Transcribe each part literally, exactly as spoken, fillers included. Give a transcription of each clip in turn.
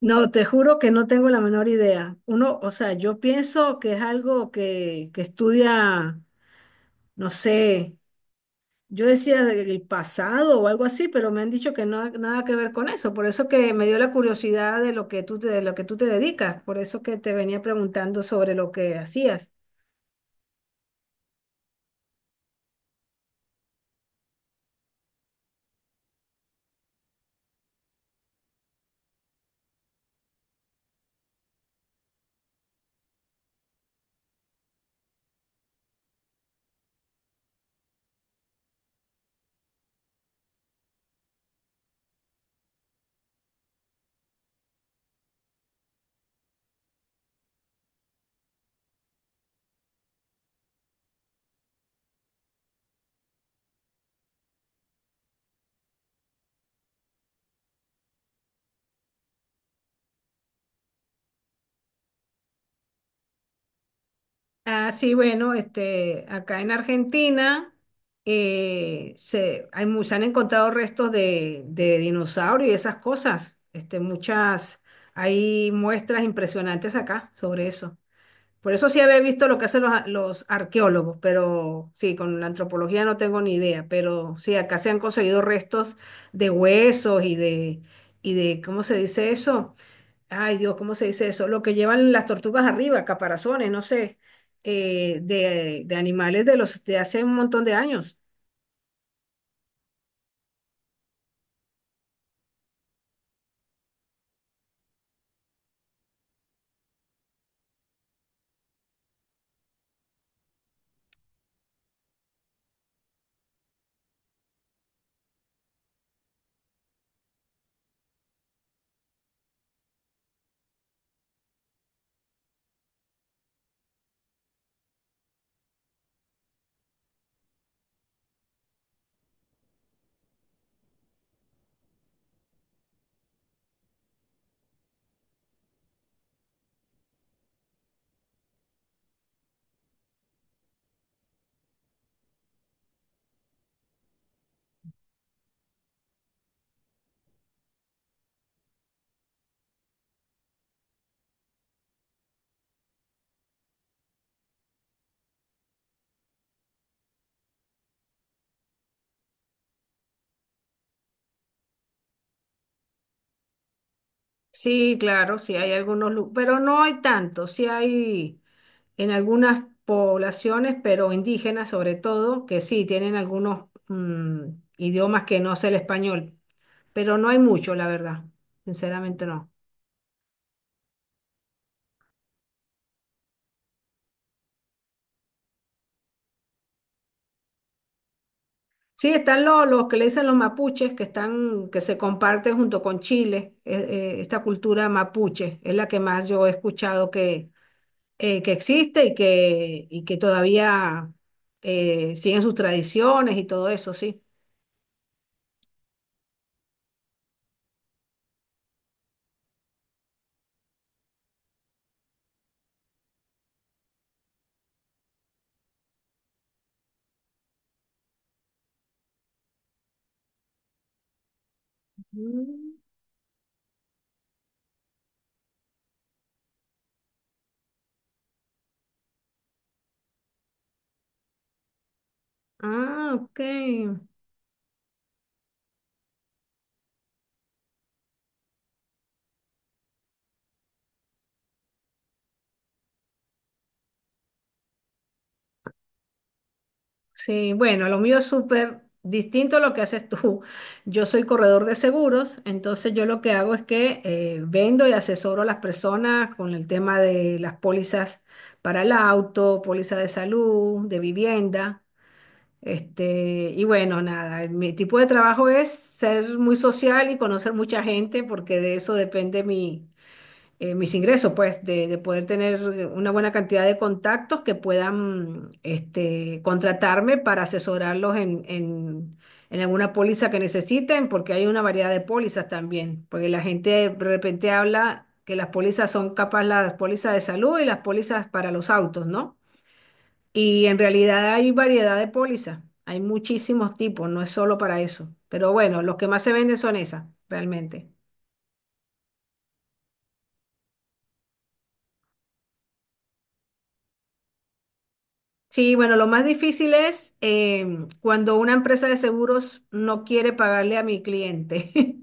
No, te juro que no tengo la menor idea. Uno, o sea, yo pienso que es algo que, que estudia, no sé, yo decía del pasado o algo así, pero me han dicho que no nada que ver con eso. Por eso que me dio la curiosidad de lo que tú te, de lo que tú te dedicas. Por eso que te venía preguntando sobre lo que hacías. Ah, sí, bueno, este, acá en Argentina eh, se, hay, mu- se han encontrado restos de, de dinosaurios y esas cosas. Este, muchas, hay muestras impresionantes acá sobre eso. Por eso sí había visto lo que hacen los, a- los arqueólogos, pero sí, con la antropología no tengo ni idea. Pero sí, acá se han conseguido restos de huesos y de, y de, ¿cómo se dice eso? Ay, Dios, ¿cómo se dice eso? Lo que llevan las tortugas arriba, caparazones, no sé, eh, de, de animales de los de hace un montón de años. Sí, claro, sí hay algunos, lu- pero no hay tantos. Sí hay en algunas poblaciones, pero indígenas sobre todo, que sí tienen algunos mm, idiomas que no es el español, pero no hay mucho, la verdad. Sinceramente no. Sí, están los los, que le dicen los mapuches, que están, que se comparten junto con Chile. Eh, eh, esta cultura mapuche es la que más yo he escuchado que, eh, que existe y que, y que todavía eh, siguen sus tradiciones y todo eso, sí. Mm. Ah, ok. Sí, bueno, lo mío es súper distinto a lo que haces tú. Yo soy corredor de seguros, entonces yo lo que hago es que eh, vendo y asesoro a las personas con el tema de las pólizas para el auto, póliza de salud, de vivienda. Este, y bueno, nada, mi tipo de trabajo es ser muy social y conocer mucha gente porque de eso depende mi, eh, mis ingresos, pues, de, de poder tener una buena cantidad de contactos que puedan este, contratarme para asesorarlos en, en, en alguna póliza que necesiten, porque hay una variedad de pólizas también, porque la gente de repente habla que las pólizas son capaz las pólizas de salud y las pólizas para los autos, ¿no? Y en realidad hay variedad de pólizas, hay muchísimos tipos, no es solo para eso, pero bueno, los que más se venden son esas, realmente. Sí, bueno, lo más difícil es em, cuando una empresa de seguros no quiere pagarle a mi cliente.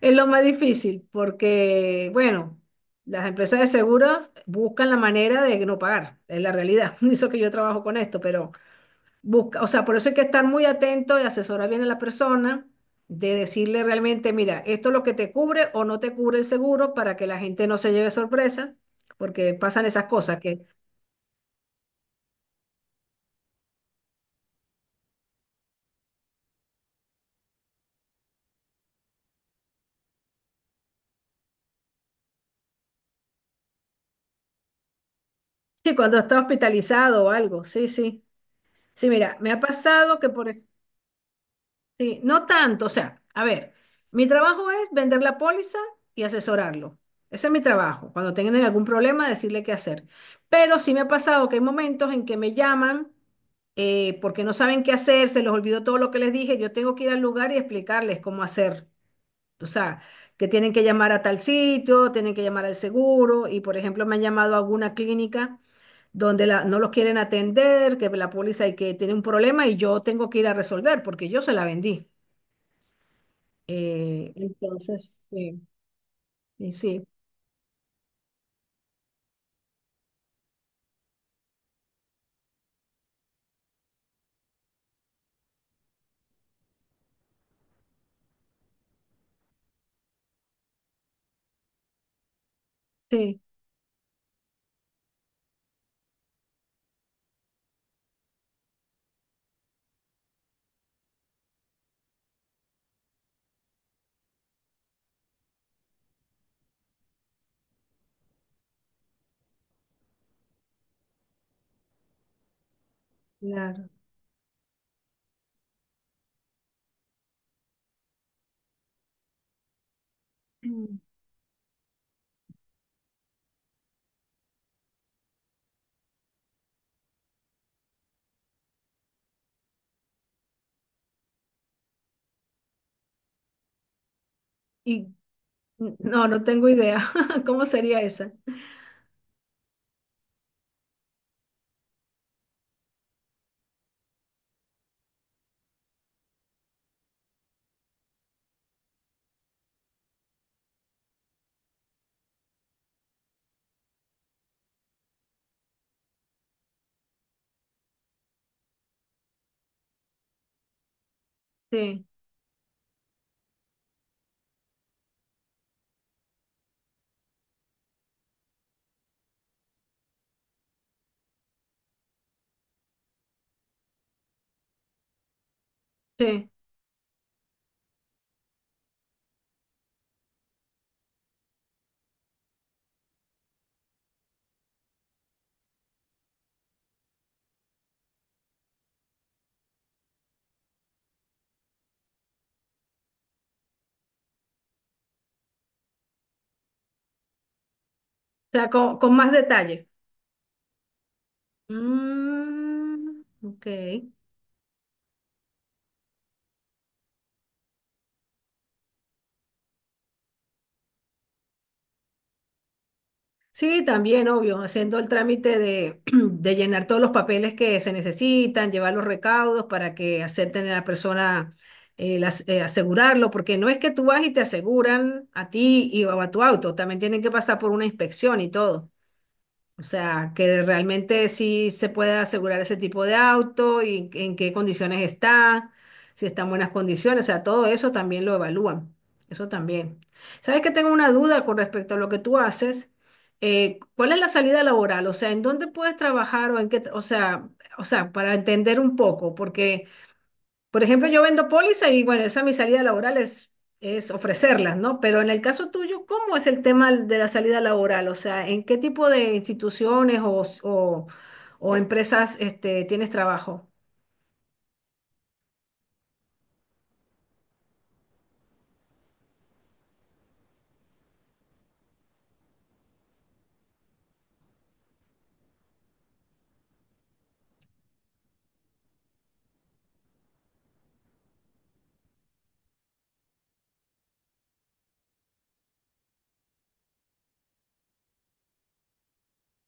Es lo más difícil porque, bueno, las empresas de seguros buscan la manera de no pagar, es la realidad. Eso que yo trabajo con esto, pero busca, o sea, por eso hay que estar muy atento y asesorar bien a la persona, de decirle realmente, mira, esto es lo que te cubre o no te cubre el seguro para que la gente no se lleve sorpresa, porque pasan esas cosas que, sí, cuando está hospitalizado o algo, sí, sí. Sí, mira, me ha pasado que por... ej- sí, no tanto, o sea, a ver, mi trabajo es vender la póliza y asesorarlo. Ese es mi trabajo. Cuando tengan algún problema, decirle qué hacer. Pero sí me ha pasado que hay momentos en que me llaman eh, porque no saben qué hacer, se les olvidó todo lo que les dije, yo tengo que ir al lugar y explicarles cómo hacer. O sea, que tienen que llamar a tal sitio, tienen que llamar al seguro y, por ejemplo, me han llamado a alguna clínica donde la- no los quieren atender, que la póliza y que tiene un problema y yo tengo que ir a resolver porque yo se la vendí. Eh, entonces, sí, y sí, sí, claro. Mm. Y no, no tengo idea cómo sería esa. Sí, sí. O sea, con, con más detalle. Mm, ok. Sí, también, obvio, haciendo el trámite de, de llenar todos los papeles que se necesitan, llevar los recaudos para que acepten a la persona eh, las- eh, asegurarlo, porque no es que tú vas y te aseguran a ti y o a tu auto, también tienen que pasar por una inspección y todo. O sea, que realmente sí se puede asegurar ese tipo de auto y en qué condiciones está, si está en buenas condiciones, o sea, todo eso también lo evalúan, eso también. ¿Sabes que tengo una duda con respecto a lo que tú haces? Eh, ¿cuál es la salida laboral? O sea, ¿en dónde puedes trabajar o en qué, tra- o sea, o sea, para entender un poco, porque por ejemplo, yo vendo póliza y bueno, esa es mi salida laboral es, es ofrecerlas, ¿no? Pero en el caso tuyo, ¿cómo es el tema de la salida laboral? O sea, ¿en qué tipo de instituciones o, o- o empresas este, tienes trabajo?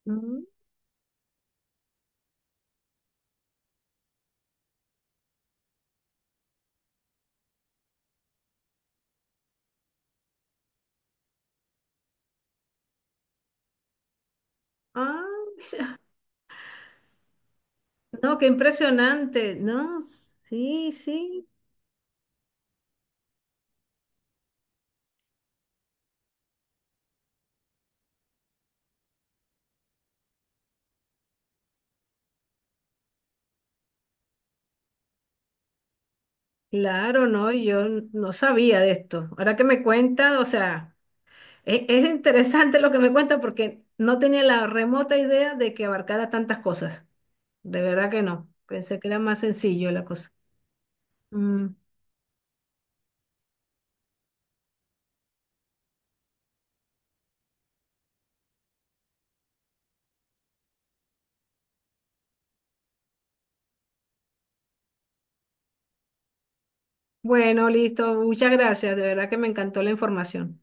Mm, ah, mira. No, qué impresionante, ¿no? Sí, sí. Claro, no, yo no sabía de esto. Ahora que me cuentas, o sea... E- Es interesante lo que me cuenta porque no tenía la remota idea de que abarcara tantas cosas. De verdad que no. Pensé que era más sencillo la cosa. Mm. Bueno, listo. Muchas gracias. De verdad que me encantó la información.